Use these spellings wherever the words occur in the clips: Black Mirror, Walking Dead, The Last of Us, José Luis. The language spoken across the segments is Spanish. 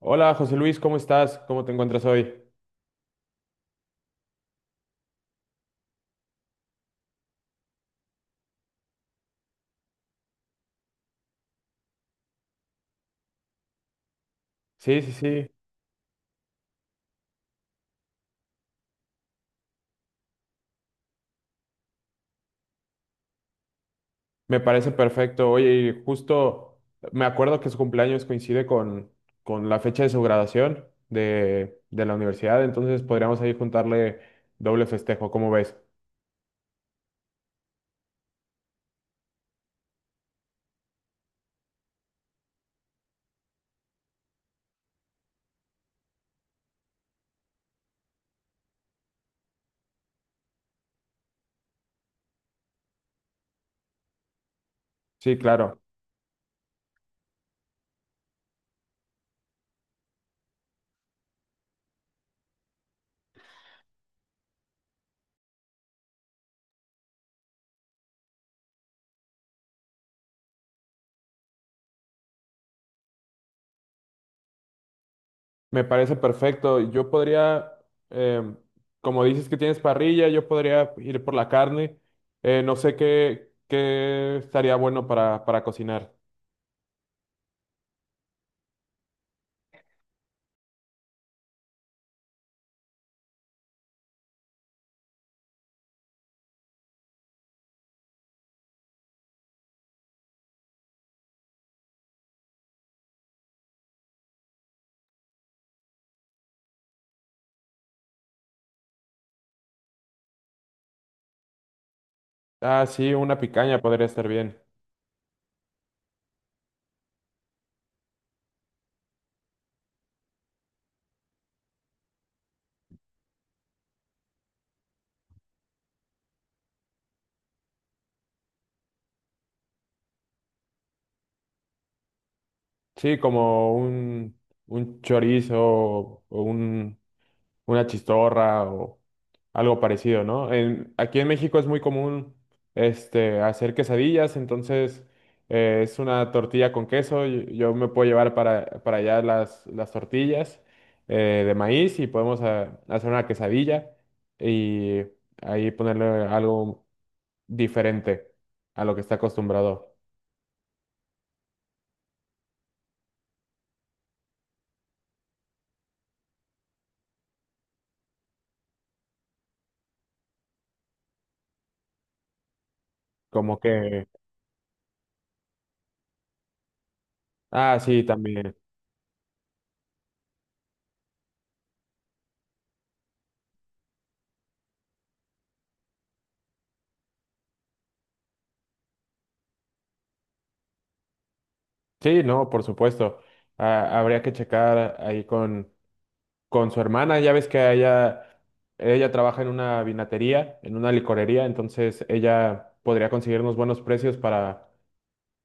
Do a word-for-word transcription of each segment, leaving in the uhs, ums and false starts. Hola José Luis, ¿cómo estás? ¿Cómo te encuentras hoy? Sí, sí, sí, me parece perfecto. Oye, y justo me acuerdo que su cumpleaños coincide con, con la fecha de su graduación de, de la universidad, entonces podríamos ahí juntarle doble festejo, ¿cómo ves? Sí, claro, me parece perfecto. Yo podría, em, Como dices que tienes parrilla, yo podría ir por la carne. Eh, no sé qué, qué estaría bueno para, para cocinar. Ah, sí, una picaña podría estar bien. Sí, como un, un chorizo o un, una chistorra o algo parecido, ¿no? En, aquí en México es muy común este, hacer quesadillas, entonces eh, es una tortilla con queso. Y- Yo, me puedo llevar para, para allá las, las tortillas eh, de maíz y podemos ah, hacer una quesadilla y ahí ponerle algo diferente a lo que está acostumbrado. Como que, ah, sí, también. Sí, no, por supuesto. Ah, habría que checar ahí con, con su hermana. Ya ves que a ella, ella trabaja en una vinatería, en una licorería, entonces ella podría conseguirnos buenos precios para,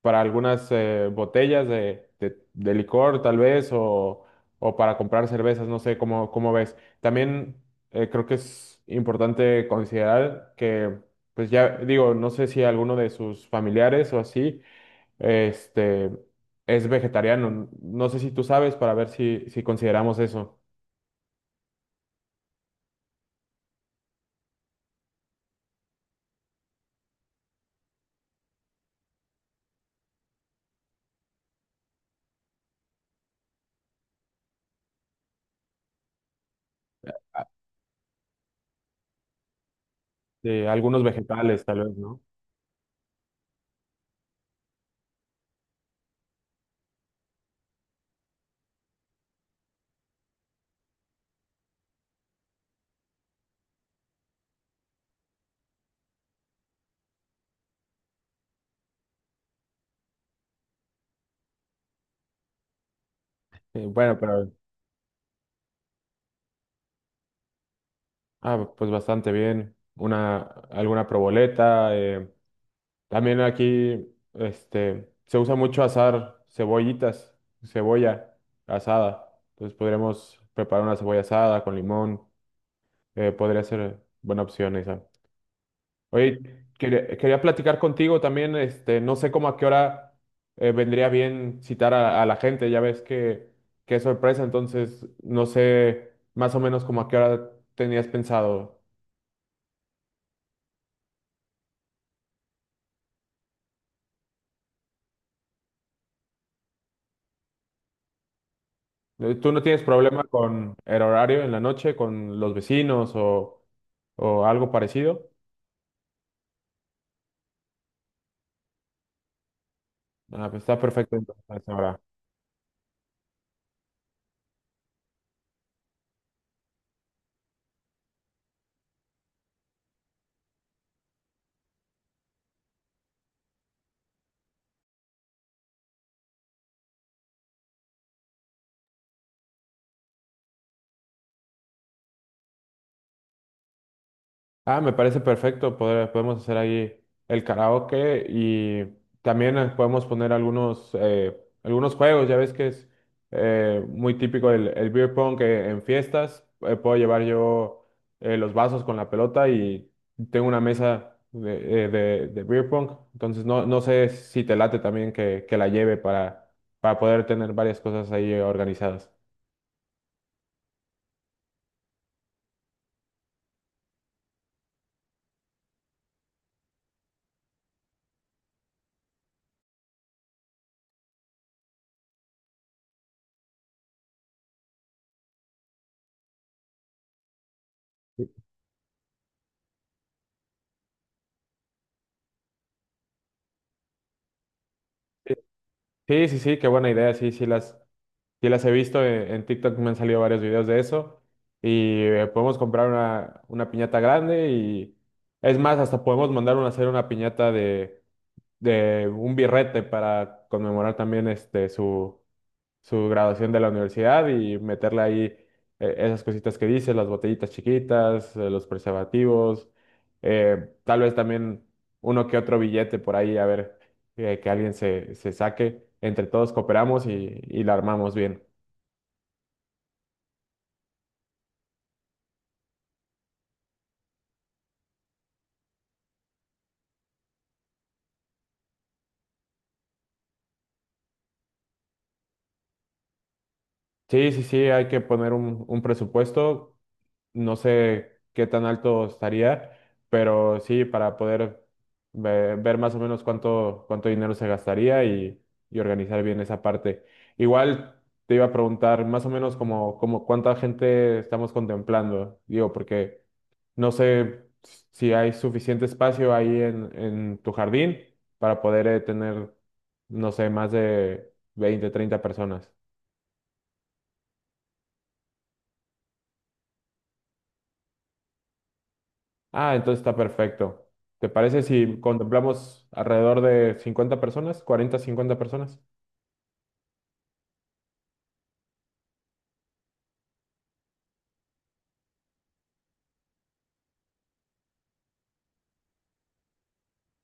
para algunas eh, botellas de, de- de licor, tal vez, o, o para comprar cervezas, no sé cómo, cómo ves. También eh, creo que es importante considerar que, pues ya digo, no sé si alguno de sus familiares o así este, es vegetariano. No sé si tú sabes para ver si, si consideramos eso. Eh, algunos vegetales, tal vez, ¿no? Eh, bueno, pero ah, pues bastante bien. Una, alguna proboleta. eh, También aquí este, se usa mucho asar cebollitas, cebolla asada. Entonces podríamos preparar una cebolla asada con limón. Eh, podría ser buena opción esa. Oye, quería, quería platicar contigo también, este, no sé cómo a qué hora eh, vendría bien citar a, a la gente, ya ves que, que es sorpresa, entonces no sé más o menos como a qué hora tenías pensado. Eh, ¿Tú no tienes problema con el horario en la noche, con los vecinos o, o algo parecido? Ah, pues está perfecto entonces a esa hora. Ah, me parece perfecto. Poder- podemos hacer ahí el karaoke y también eh, podemos poner algunos, eh, algunos juegos. Ya ves que es eh, muy típico el, el beer pong eh, en fiestas. Eh, puedo llevar yo eh, los vasos con la pelota y tengo una mesa de, eh, de, de beer pong. Entonces no, no sé si te late también que, que la lleve para, para poder tener varias cosas ahí eh, organizadas. Sí, sí, sí, qué buena idea. Sí, sí, las, sí las he visto, eh, en TikTok me han salido varios videos de eso y eh, podemos comprar una, una piñata grande y es más, hasta podemos mandar una, hacer una piñata de, de un birrete para conmemorar también este, su, su graduación de la universidad y meterle ahí eh, esas cositas que dices, las botellitas chiquitas, eh, los preservativos, eh, tal vez también uno que otro billete por ahí, a ver, eh, que alguien se, se saque, entre todos cooperamos y, y la armamos bien. Sí, sí, sí, hay que poner un, un presupuesto. No sé qué tan alto estaría, pero sí, para poder ve- ver, más o menos cuánto, cuánto dinero se gastaría y, y organizar bien esa parte. Igual te iba a preguntar más o menos como, como cuánta gente estamos contemplando, digo, porque no sé si hay suficiente espacio ahí en, en tu jardín para poder eh, tener, no sé, más de veinte treinta personas. Ah, entonces está perfecto. ¿Te parece si contemplamos alrededor de cincuenta personas, cuarenta, cincuenta personas?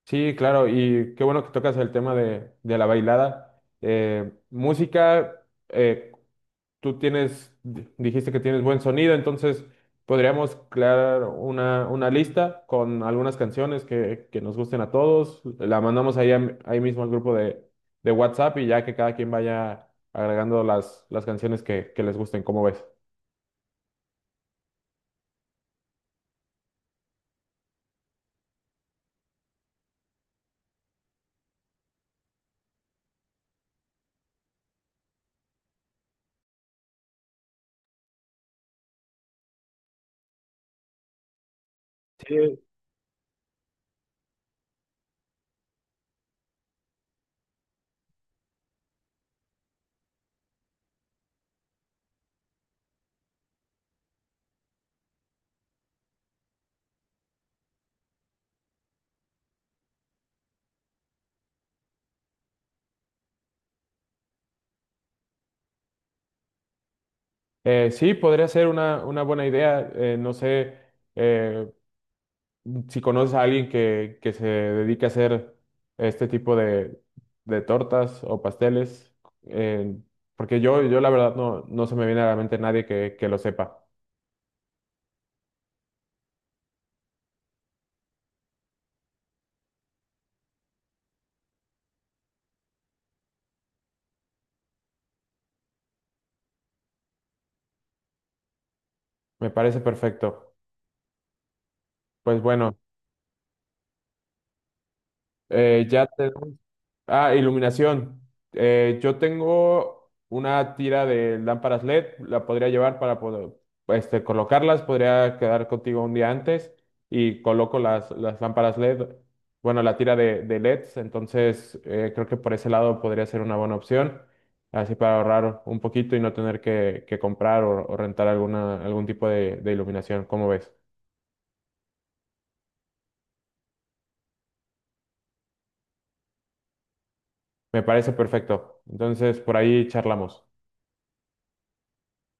Sí, claro, y qué bueno que tocas el tema de, de la bailada. Eh, música, eh, tú tienes, di- dijiste que tienes buen sonido, entonces podríamos crear una, una lista con algunas canciones que, que nos gusten a todos. La mandamos ahí, a- ahí mismo al grupo de, de WhatsApp y ya que cada quien vaya agregando las, las canciones que, que les gusten, ¿cómo ves? Sí. Eh, sí, podría ser una, una buena idea. Eh, no sé eh, si conoces a alguien que, que se dedique a hacer este tipo de, de tortas o pasteles, eh, porque yo, yo la verdad no, no se me viene a la mente nadie que, que lo sepa. Me parece perfecto. Pues bueno, eh, ya te ah, iluminación. Eh, yo tengo una tira de lámparas L E D, la podría llevar para poder este, colocarlas, podría quedar contigo un día antes y coloco las, las lámparas L E D, bueno, la tira de, de L E Ds, entonces eh, creo que por ese lado podría ser una buena opción, así para ahorrar un poquito y no tener que, que comprar o, o rentar alguna, algún tipo de, de iluminación, ¿cómo ves? Me parece perfecto. Entonces por ahí charlamos.